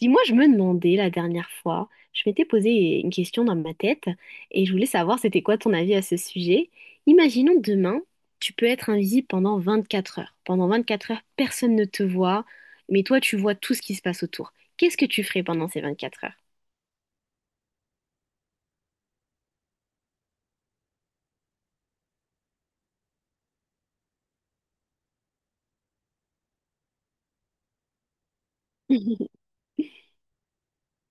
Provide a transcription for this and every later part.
Dis-moi, je me demandais la dernière fois, je m'étais posé une question dans ma tête et je voulais savoir c'était quoi ton avis à ce sujet. Imaginons demain, tu peux être invisible pendant 24 heures. Pendant 24 heures, personne ne te voit, mais toi, tu vois tout ce qui se passe autour. Qu'est-ce que tu ferais pendant ces 24 heures?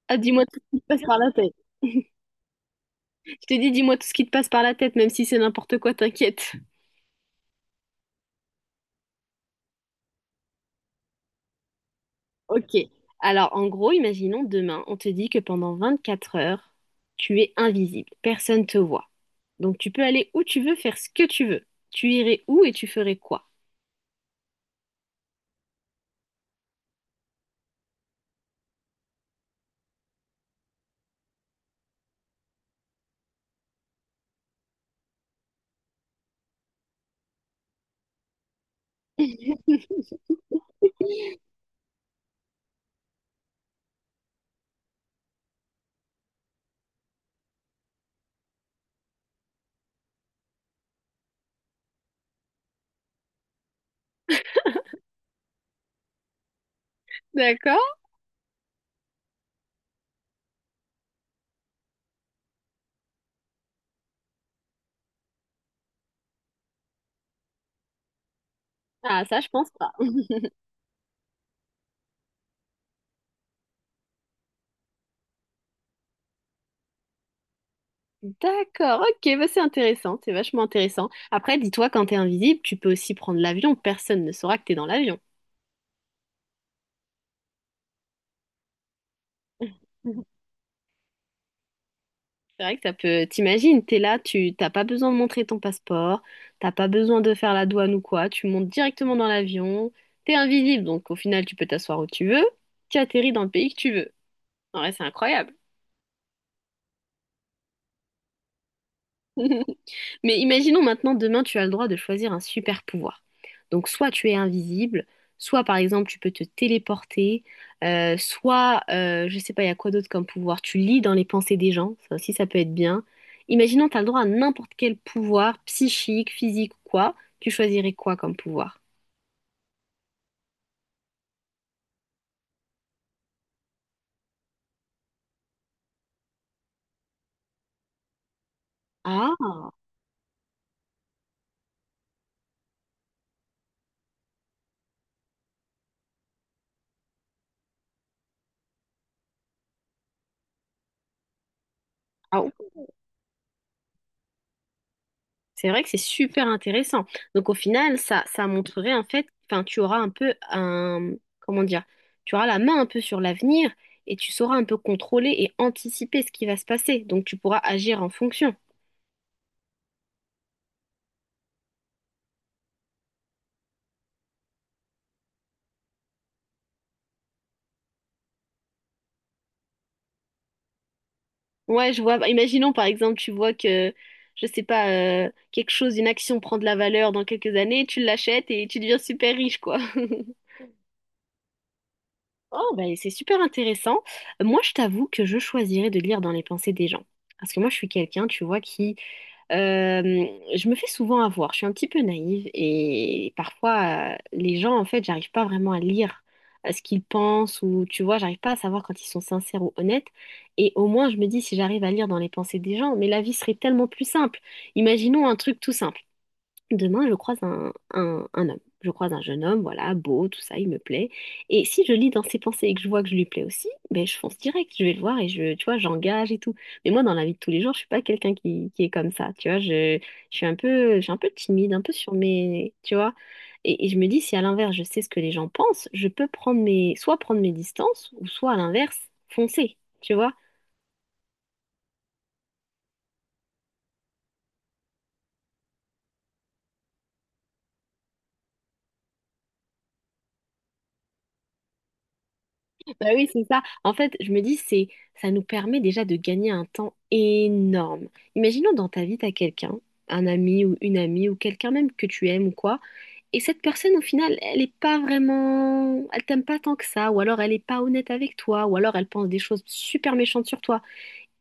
Ah, dis-moi tout ce qui te passe par la tête. Je te dis, dis-moi tout ce qui te passe par la tête, même si c'est n'importe quoi, t'inquiète. Ok. Alors, en gros, imaginons demain, on te dit que pendant 24 heures, tu es invisible, personne te voit. Donc, tu peux aller où tu veux, faire ce que tu veux. Tu irais où et tu ferais quoi? D'accord? Ah, ça, je pense pas. D'accord, ok, bah c'est intéressant, c'est vachement intéressant. Après, dis-toi, quand t'es invisible, tu peux aussi prendre l'avion, personne ne saura que t'es dans l'avion. C'est vrai que ça peut, t'imagines, t'es là, tu t'as pas besoin de montrer ton passeport, t'as pas besoin de faire la douane ou quoi, tu montes directement dans l'avion, t'es invisible, donc au final tu peux t'asseoir où tu veux, tu atterris dans le pays que tu veux. En vrai, c'est incroyable. Mais imaginons maintenant, demain, tu as le droit de choisir un super pouvoir. Donc, soit tu es invisible, soit par exemple, tu peux te téléporter, soit, je sais pas, il y a quoi d'autre comme pouvoir. Tu lis dans les pensées des gens, ça aussi, ça peut être bien. Imaginons, tu as le droit à n'importe quel pouvoir, psychique, physique ou quoi. Tu choisirais quoi comme pouvoir? Ah, ah. C'est vrai que c'est super intéressant. Donc au final, ça montrerait en fait, enfin, tu auras un peu un, comment dire, tu auras la main un peu sur l'avenir et tu sauras un peu contrôler et anticiper ce qui va se passer. Donc tu pourras agir en fonction. Ouais, je vois. Bah, imaginons par exemple, tu vois que, je sais pas, quelque chose, une action prend de la valeur dans quelques années, tu l'achètes et tu deviens super riche, quoi. Oh, ben, c'est super intéressant. Moi, je t'avoue que je choisirais de lire dans les pensées des gens. Parce que moi, je suis quelqu'un, tu vois, qui... euh, je me fais souvent avoir. Je suis un petit peu naïve et parfois, les gens, en fait, j'arrive pas vraiment à lire ce qu'ils pensent ou, tu vois, j'arrive pas à savoir quand ils sont sincères ou honnêtes. Et au moins, je me dis, si j'arrive à lire dans les pensées des gens, mais la vie serait tellement plus simple. Imaginons un truc tout simple. Demain, je croise un homme. Je croise un jeune homme, voilà, beau, tout ça, il me plaît. Et si je lis dans ses pensées et que je vois que je lui plais aussi, ben je fonce direct, je vais le voir et je, tu vois, j'engage et tout. Mais moi, dans la vie de tous les jours, je suis pas quelqu'un qui est comme ça, tu vois. Je suis un peu, je suis un peu timide, un peu sur mes, tu vois. Et je me dis, si à l'inverse, je sais ce que les gens pensent, je peux prendre mes, soit prendre mes distances, ou soit à l'inverse, foncer, tu vois. Bah oui, c'est ça. En fait, je me dis, c'est, ça nous permet déjà de gagner un temps énorme. Imaginons dans ta vie, t'as quelqu'un, un ami ou une amie ou quelqu'un même que tu aimes ou quoi, et cette personne, au final, elle est pas vraiment, elle t'aime pas tant que ça, ou alors elle est pas honnête avec toi, ou alors elle pense des choses super méchantes sur toi.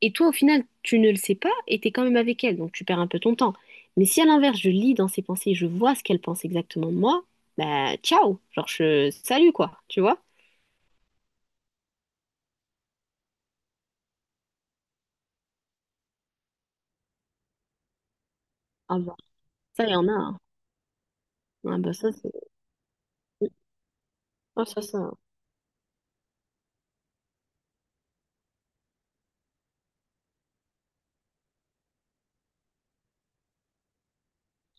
Et toi, au final, tu ne le sais pas et t'es quand même avec elle, donc tu perds un peu ton temps. Mais si à l'inverse, je lis dans ses pensées, je vois ce qu'elle pense exactement de moi, bah ciao, genre je, salut quoi, tu vois? Ah bah, ça, il y en a, hein. Ah bah ça, c'est... Ah, ça, ça.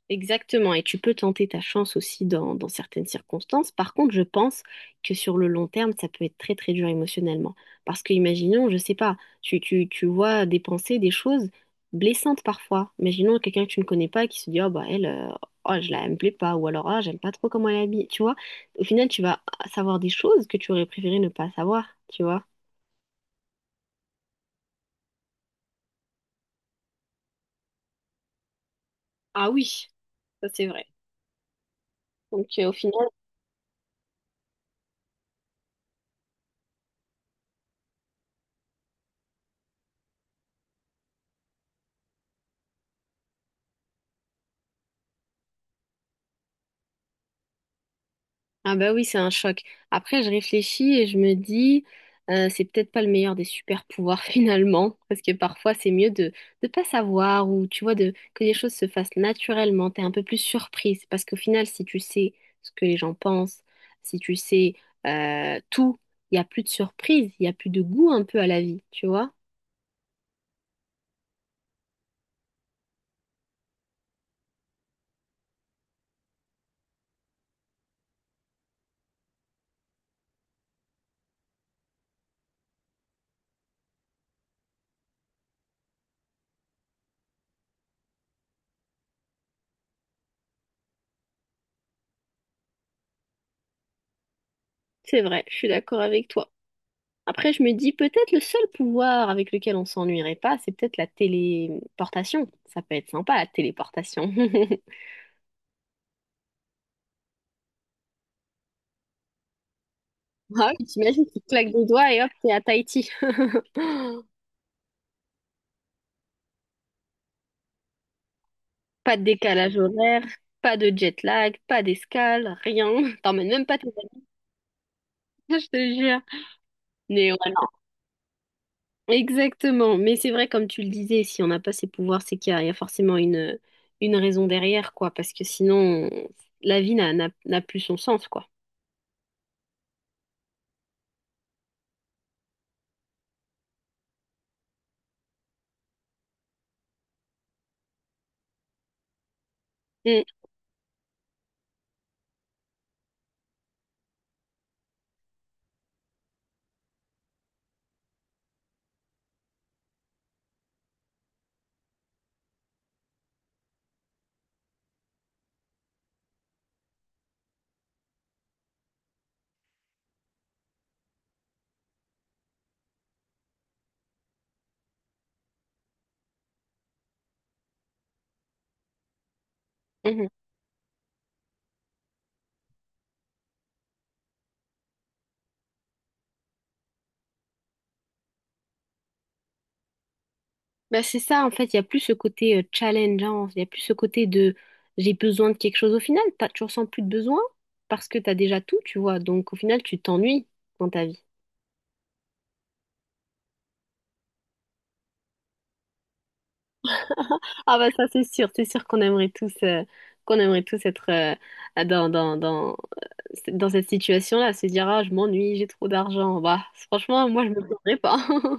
Exactement. Et tu peux tenter ta chance aussi dans, certaines circonstances. Par contre, je pense que sur le long terme, ça peut être très très dur émotionnellement. Parce que imaginons, je sais pas, tu vois des pensées, des choses blessantes parfois. Imaginons quelqu'un que tu ne connais pas qui se dit, oh bah elle, oh, je la, elle me plaît pas. Ou alors, ah, j'aime pas trop comment elle est habillée. Tu vois, au final, tu vas savoir des choses que tu aurais préféré ne pas savoir. Tu vois. Ah oui, ça c'est vrai. Donc, au final, ah bah oui, c'est un choc. Après, je réfléchis et je me dis, c'est peut-être pas le meilleur des super pouvoirs finalement, parce que parfois c'est mieux de ne pas savoir ou tu vois de que les choses se fassent naturellement. T'es un peu plus surprise parce qu'au final, si tu sais ce que les gens pensent, si tu sais tout, il y a plus de surprise, il y a plus de goût un peu à la vie, tu vois? C'est vrai, je suis d'accord avec toi. Après, je me dis peut-être le seul pouvoir avec lequel on s'ennuierait pas, c'est peut-être la téléportation. Ça peut être sympa, la téléportation. Ah oui, t'imagines, tu claques des doigts et hop, t'es à Tahiti. Pas de décalage horaire, pas de jet lag, pas d'escale, rien. T'emmènes même pas tes bagages, je te jure. Mais ouais, non. Exactement. Mais c'est vrai, comme tu le disais, si on n'a pas ces pouvoirs, c'est qu'il y a, forcément une, raison derrière, quoi. Parce que sinon, la vie n'a plus son sens, quoi. Mm. Mm, mm. Bah c'est ça, en fait, il y a plus ce côté challenge, hein, il y a plus ce côté de j'ai besoin de quelque chose au final, t'as, tu ressens plus de besoin parce que tu as déjà tout, tu vois, donc au final, tu t'ennuies dans ta vie. Ah bah ça, c'est sûr qu'on aimerait tous être dans, dans cette situation-là, se dire, ah, je m'ennuie, j'ai trop d'argent. Bah, franchement, moi, je me plaindrais pas.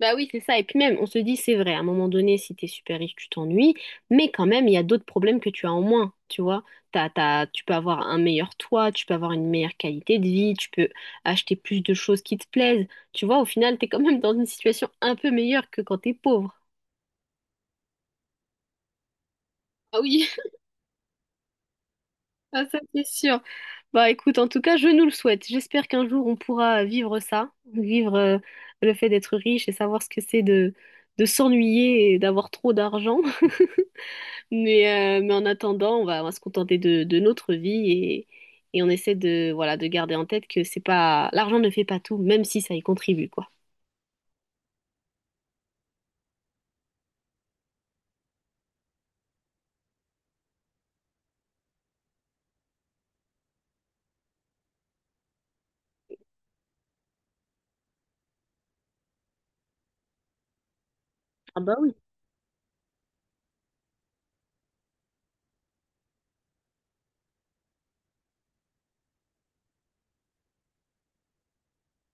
Bah oui, c'est ça. Et puis même, on se dit, c'est vrai, à un moment donné, si t'es super riche, tu t'ennuies, mais quand même, il y a d'autres problèmes que tu as en moins, tu vois. Tu peux avoir un meilleur toit, tu peux avoir une meilleure qualité de vie, tu peux acheter plus de choses qui te plaisent. Tu vois, au final, t'es quand même dans une situation un peu meilleure que quand t'es pauvre. Ah oui, ah, ça c'est sûr. Bah écoute, en tout cas, je nous le souhaite. J'espère qu'un jour, on pourra vivre ça, vivre le fait d'être riche et savoir ce que c'est de, s'ennuyer et d'avoir trop d'argent. Mais en attendant, on va se contenter de, notre vie et on essaie de, voilà, de garder en tête que c'est pas, l'argent ne fait pas tout, même si ça y contribue, quoi. Ah bah oui.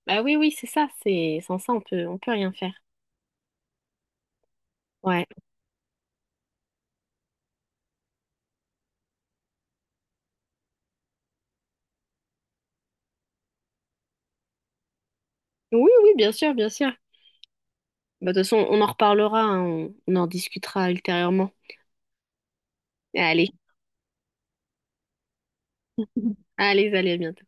Bah oui, oui, c'est ça, c'est sans ça, on peut rien faire. Ouais. Oui, oui, bien sûr, bien sûr. Bah, de toute façon, on en reparlera, hein, on en discutera ultérieurement. Allez, allez, allez, à bientôt.